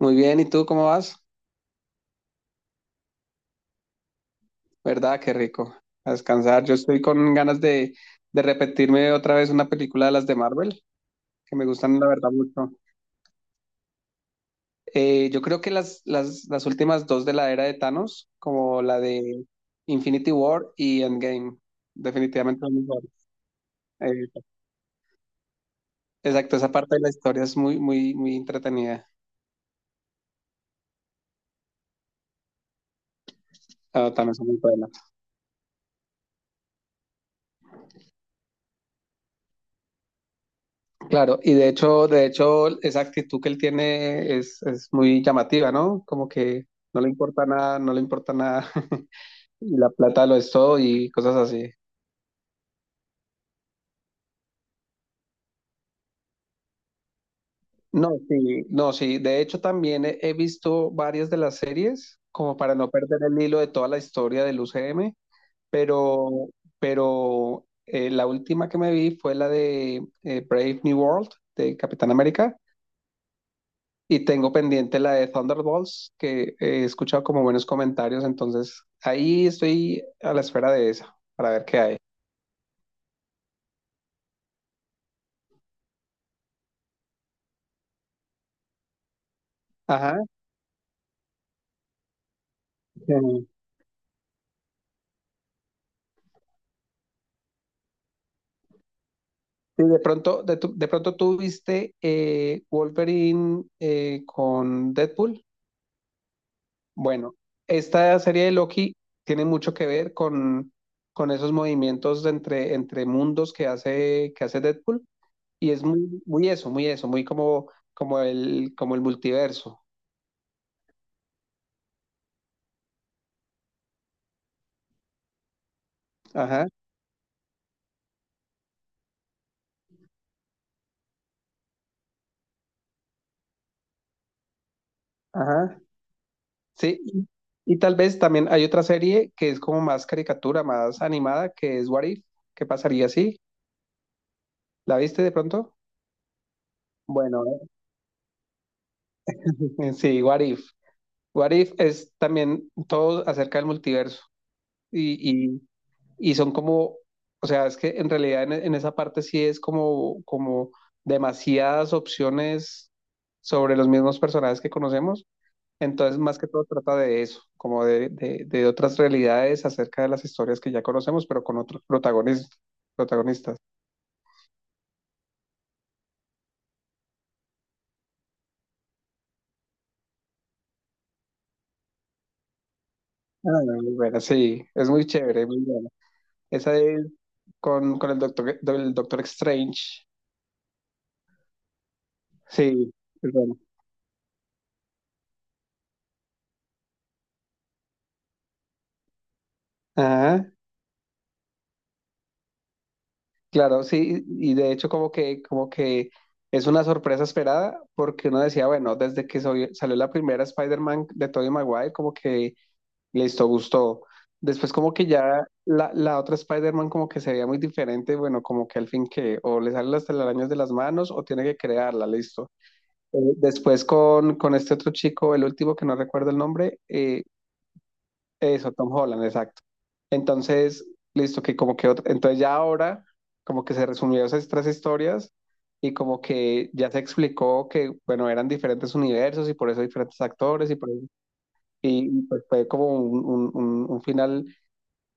Muy bien, ¿y tú cómo vas? ¿Verdad? Qué rico. A descansar. Yo estoy con ganas de repetirme otra vez una película de las de Marvel, que me gustan la verdad mucho. Yo creo que las últimas dos de la era de Thanos, como la de Infinity War y Endgame, definitivamente son mis favoritas. Eh, exacto, esa parte de la historia es muy, muy, muy entretenida. Ah, también son muy buenas. Claro, y de hecho, esa actitud que él tiene es muy llamativa, ¿no? Como que no le importa nada, no le importa nada, y la plata lo es todo y cosas así. No, sí, no, sí. De hecho, también he visto varias de las series, como para no perder el hilo de toda la historia del UCM, pero, pero la última que me vi fue la de Brave New World de Capitán América. Y tengo pendiente la de Thunderbolts, que he escuchado como buenos comentarios, entonces ahí estoy a la espera de esa, para ver qué hay. Ajá. Sí, sí, de pronto, de pronto tú viste Wolverine con Deadpool. Bueno, esta serie de Loki tiene mucho que ver con esos movimientos de entre mundos que hace Deadpool. Y es muy, muy eso, muy eso, muy como, como el multiverso. Ajá, ajá. Sí, y tal vez también hay otra serie que es como más caricatura, más animada, que es What If. ¿Qué pasaría si? ¿La viste de pronto? Bueno, sí, What If. What If es también todo acerca del multiverso y, y, y son como, o sea, es que en realidad en esa parte sí es como, como demasiadas opciones sobre los mismos personajes que conocemos. Entonces, más que todo trata de eso, como de otras realidades acerca de las historias que ya conocemos, pero con otros protagonistas. Ah, muy buena, sí, es muy chévere, muy buena. Esa es con el Doctor Strange. Sí, es bueno. Ajá, claro, sí, y de hecho como que es una sorpresa esperada, porque uno decía, bueno, desde que salió la primera Spider-Man de Tobey Maguire, como que listo, gustó. Después como que ya la otra Spider-Man como que se veía muy diferente, bueno, como que al fin que o le salen las telarañas de las manos o tiene que crearla, listo. Después con este otro chico, el último que no recuerdo el nombre, eso, Tom Holland, exacto. Entonces, listo, que como que entonces ya ahora como que se resumieron esas tres historias y como que ya se explicó que, bueno, eran diferentes universos y por eso diferentes actores y por eso, pues fue como un final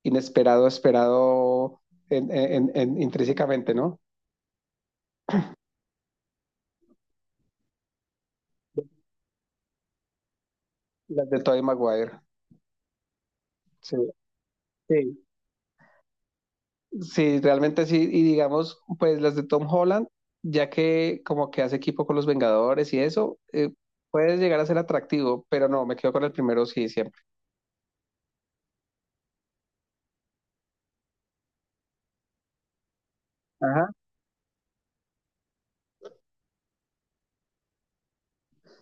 inesperado, esperado intrínsecamente, ¿no? Las de Tobey Maguire. Sí, sí. Sí, realmente sí. Y digamos, pues las de Tom Holland, ya que como que hace equipo con los Vengadores y eso, puede llegar a ser atractivo, pero no, me quedo con el primero, sí, siempre. Ajá.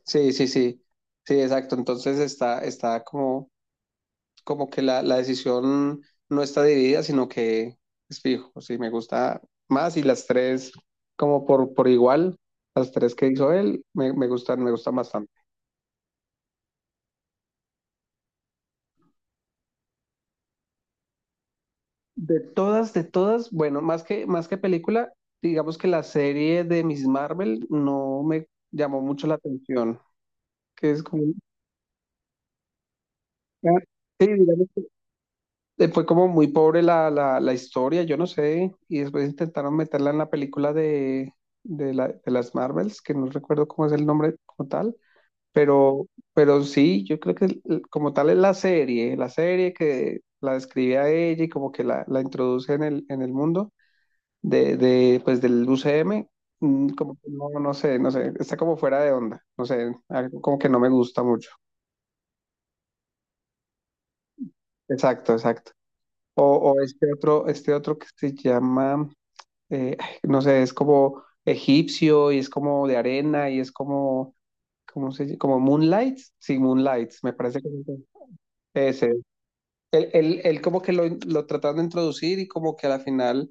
Sí, sí, sí. Sí, exacto. Entonces está, está como como que la decisión no está dividida, sino que es fijo, sí, me gusta más y las tres como por igual, las tres que hizo él, me gustan, me gustan bastante. De todas, bueno, más que película, digamos que la serie de Miss Marvel no me llamó mucho la atención, que es como, sí, digamos fue como muy pobre la historia, yo no sé, y después intentaron meterla en la película de las Marvels, que no recuerdo cómo es el nombre como tal, pero, pero sí, yo creo que como tal es la serie que la describe a ella y como que la introduce en el mundo de pues del UCM. Mm, como que no, no sé, no sé, está como fuera de onda, no sé, algo como que no me gusta mucho. Exacto, exacto. O este otro que se llama, ay, no sé, es como egipcio y es como de arena y es como, ¿cómo se llama? Como Moonlight. Sí, Moonlight, me parece que es ese. Él, él como que lo trataron de introducir y como que a la final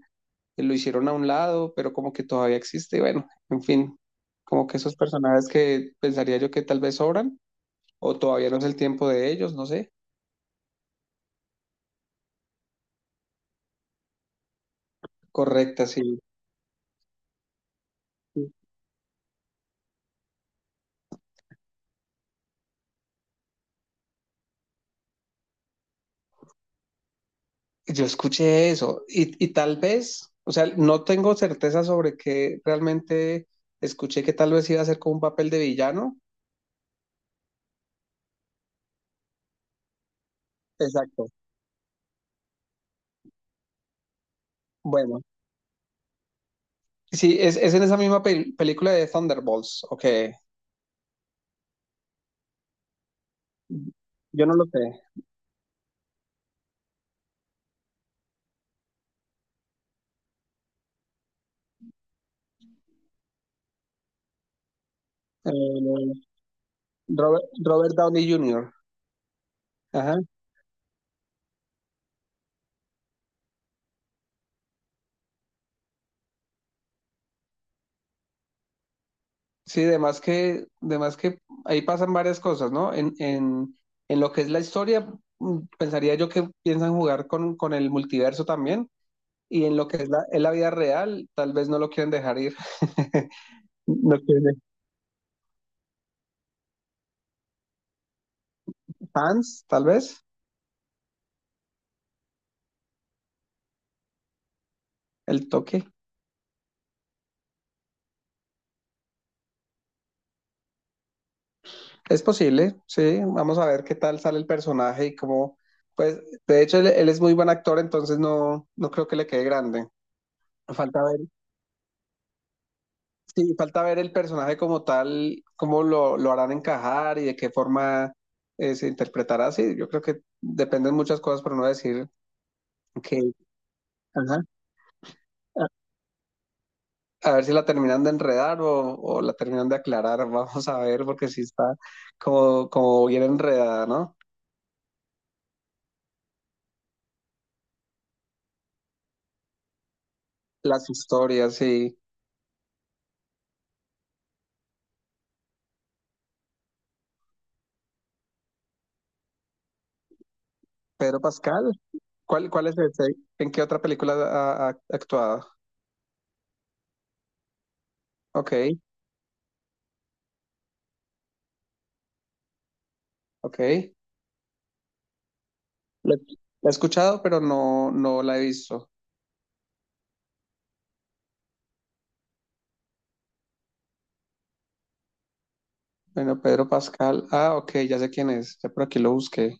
lo hicieron a un lado, pero como que todavía existe. Y bueno, en fin, como que esos personajes que pensaría yo que tal vez sobran o todavía no es el tiempo de ellos, no sé. Correcta, sí. Sí. Yo escuché eso y tal vez, o sea, no tengo certeza sobre que realmente escuché que tal vez iba a ser como un papel de villano. Exacto. Bueno, sí, es en esa misma película de Thunderbolts, ok. Yo no lo sé. Eh, Robert Downey Jr. Ajá. Sí, además que, de más que ahí pasan varias cosas, ¿no? En lo que es la historia, mm, pensaría yo que piensan jugar con el multiverso también. Y en lo que es en la vida real, tal vez no lo quieren dejar ir. No quieren fans, tal vez, el toque. Es posible, sí. Vamos a ver qué tal sale el personaje y cómo. Pues, de hecho, él es muy buen actor, entonces no, no creo que le quede grande. Falta ver, sí, falta ver el personaje como tal, cómo lo harán encajar y de qué forma se interpretará. Sí, yo creo que dependen muchas cosas, pero no decir que. Ajá, a ver si la terminan de enredar o la terminan de aclarar. Vamos a ver, porque sí está como, como bien enredada, ¿no? Las historias, sí. Pedro Pascal, ¿cuál es ese? ¿En qué otra película ha actuado? Ok, ok. La, la he escuchado, pero no, no la he visto. Bueno, Pedro Pascal. Ah, ok, ya sé quién es. Ya por aquí lo busqué.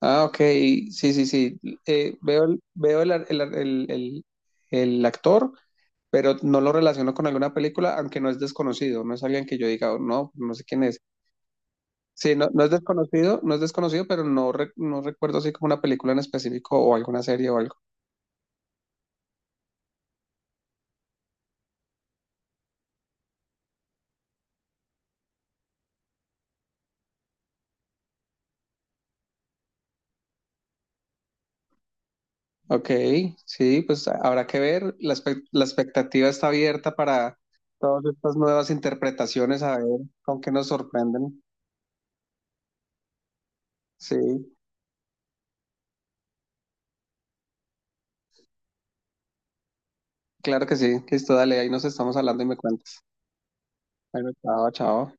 Ah, ok. Sí, sí, sí. Veo el, veo el actor, pero no lo relaciono con alguna película, aunque no es desconocido, no es alguien que yo diga, "Oh, no, no sé quién es". Sí, no, no es desconocido, no es desconocido, pero no, no recuerdo así como una película en específico o alguna serie o algo. Ok, sí, pues habrá que ver, la, la expectativa está abierta para todas estas nuevas interpretaciones, a ver con qué nos sorprenden. Sí, claro que sí, listo, dale, ahí nos estamos hablando y me cuentas. Bueno, chao, chao.